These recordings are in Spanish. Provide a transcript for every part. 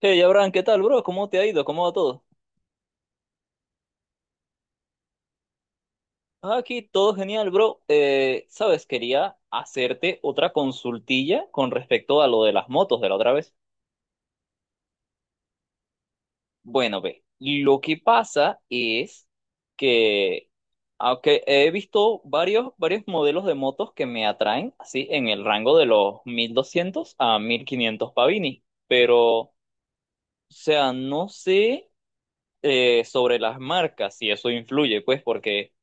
Hey, Abraham, ¿qué tal, bro? ¿Cómo te ha ido? ¿Cómo va todo? Ah, aquí todo genial, bro. Sabes, quería hacerte otra consultilla con respecto a lo de las motos de la otra vez. Bueno, ve, lo que pasa es que, aunque he visto varios modelos de motos que me atraen, así, en el rango de los 1200 a 1500 pavini, pero, o sea, no sé. Sobre las marcas, si eso influye, pues porque,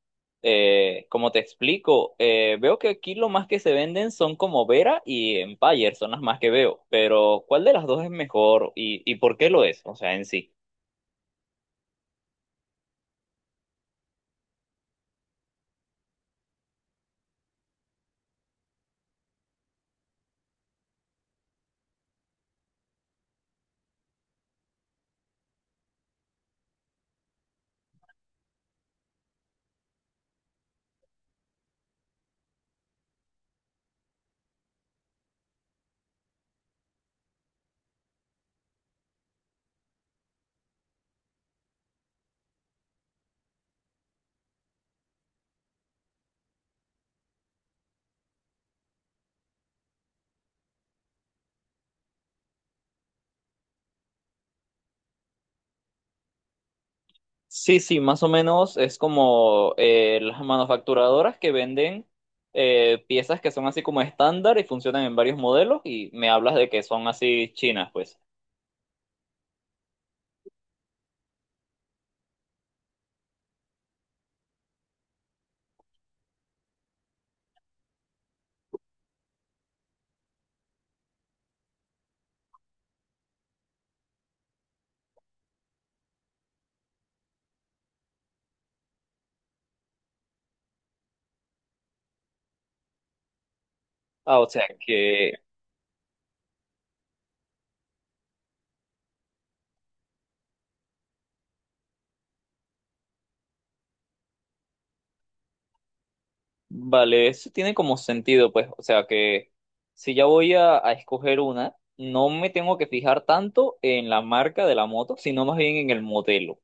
como te explico, veo que aquí lo más que se venden son como Vera y Empire, son las más que veo, pero ¿cuál de las dos es mejor y, por qué lo es? O sea, en sí. Sí, sí, más o menos es como las manufacturadoras que venden piezas que son así como estándar y funcionan en varios modelos, y me hablas de que son así chinas, pues. Ah, o sea que vale, eso tiene como sentido, pues, o sea que si ya voy a escoger una, no me tengo que fijar tanto en la marca de la moto, sino más bien en el modelo.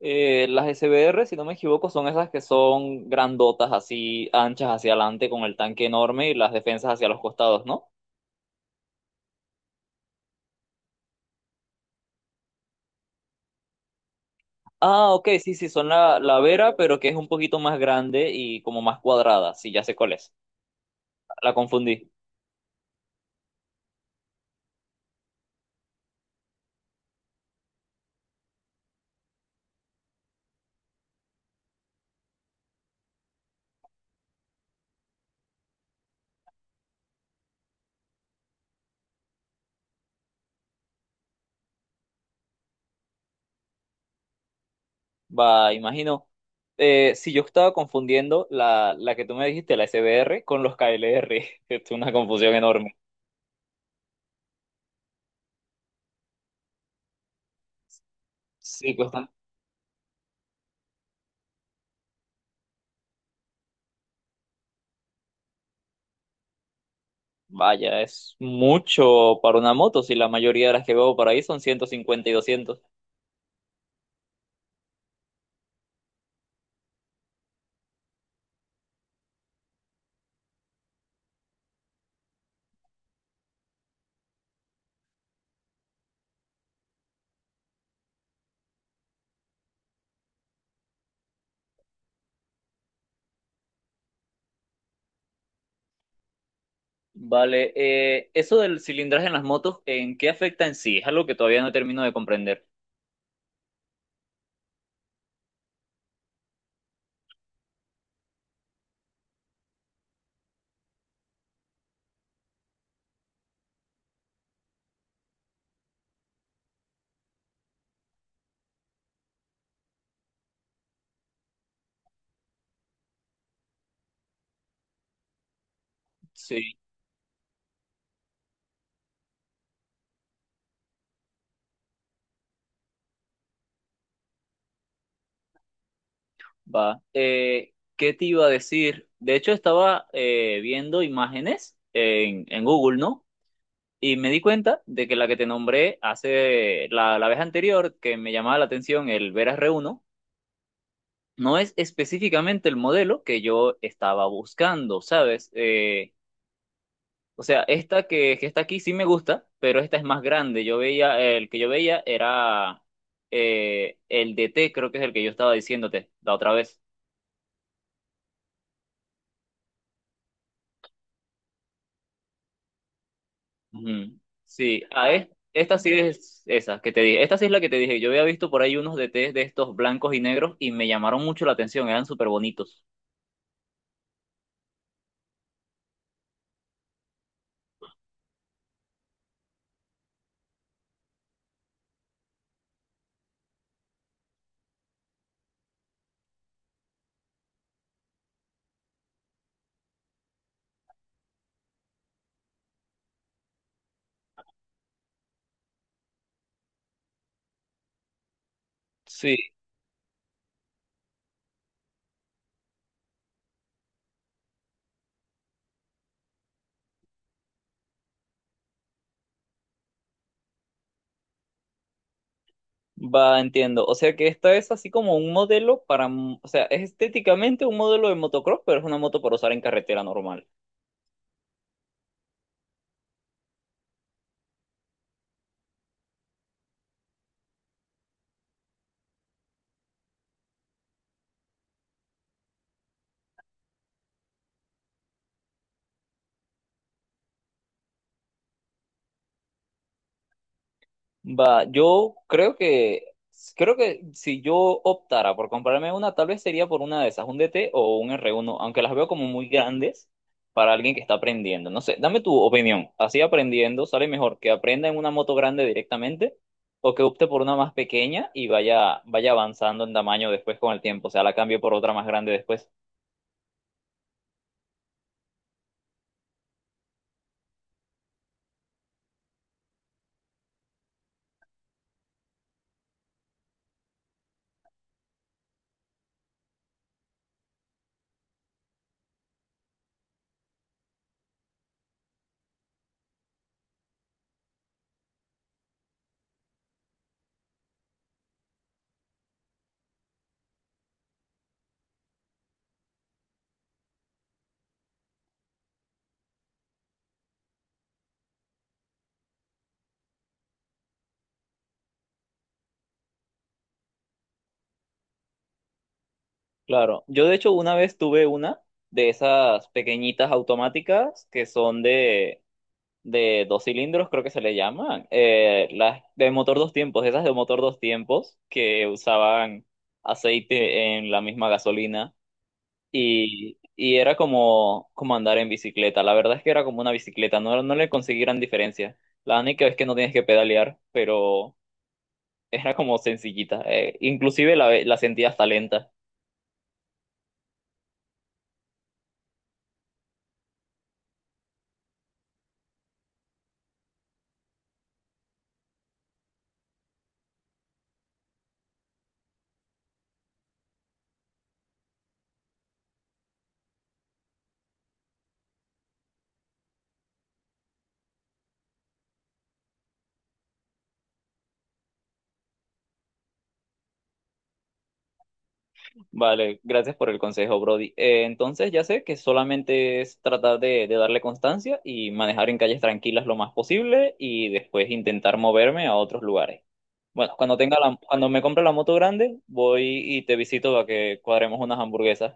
Las SBR, si no me equivoco, son esas que son grandotas, así anchas hacia adelante, con el tanque enorme y las defensas hacia los costados, ¿no? Ah, ok, sí, sí, son la Vera, pero que es un poquito más grande y como más cuadrada, sí, ya sé cuál es. La confundí. Va, imagino. Si yo estaba confundiendo la que tú me dijiste, la SBR, con los KLR, es una confusión enorme. Sí, cuestan. Vaya, es mucho para una moto, si la mayoría de las que veo por ahí son 150 y 200. Vale, eso del cilindraje en las motos, ¿en qué afecta en sí? Es algo que todavía no termino de comprender. Sí, va. ¿Qué te iba a decir? De hecho, estaba viendo imágenes en Google, ¿no? Y me di cuenta de que la que te nombré hace la vez anterior, que me llamaba la atención el Vera r uno, no es específicamente el modelo que yo estaba buscando, ¿sabes? O sea, esta que está aquí sí me gusta, pero esta es más grande. Yo veía, el que yo veía era el DT, creo que es el que yo estaba diciéndote la otra vez. Ujú. Sí, a es- esta sí es esa que te dije. Esta sí es la que te dije. Yo había visto por ahí unos de té de estos blancos y negros y me llamaron mucho la atención. Eran súper bonitos. Sí, va, entiendo. O sea que esta es así como un modelo para, m- o sea, es estéticamente un modelo de motocross, pero es una moto para usar en carretera normal. Va, yo creo que si yo optara por comprarme una, tal vez sería por una de esas, un DT o un r uno, aunque las veo como muy grandes para alguien que está aprendiendo. No sé, dame tu opinión. Así aprendiendo, ¿sale mejor que aprenda en una moto grande directamente o que opte por una más pequeña y vaya avanzando en tamaño después con el tiempo? O sea, la cambie por otra más grande después. Claro, yo de hecho una vez tuve una de esas pequeñitas automáticas que son de dos cilindros, creo que se le llaman, las de motor dos tiempos, esas de motor dos tiempos que usaban aceite en la misma gasolina, y era como, como andar en bicicleta, la verdad es que era como una bicicleta, no, no le conseguí gran diferencia, la única es que no tienes que pedalear, pero era como sencillita, inclusive la sentía hasta lenta. Vale, gracias por el consejo, Brody. Entonces ya sé que solamente es tratar de darle constancia y manejar en calles tranquilas lo más posible y después intentar moverme a otros lugares. Bueno, cuando tenga la, cuando me compre la moto grande, voy y te visito para que cuadremos unas hamburguesas.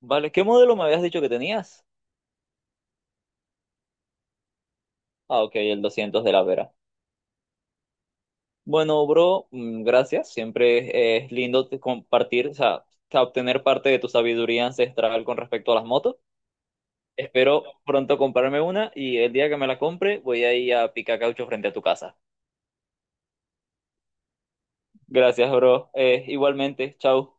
Vale, ¿qué modelo me habías dicho que tenías? Ah, ok, el 200 de la Vera. Bueno, bro, mm, gracias. Siempre es lindo te- compartir, o sea, obtener parte de tu sabiduría ancestral con respecto a las motos. Espero pronto comprarme una y el día que me la compre voy a ir a picar caucho frente a tu casa. Gracias, bro. Igualmente, chao.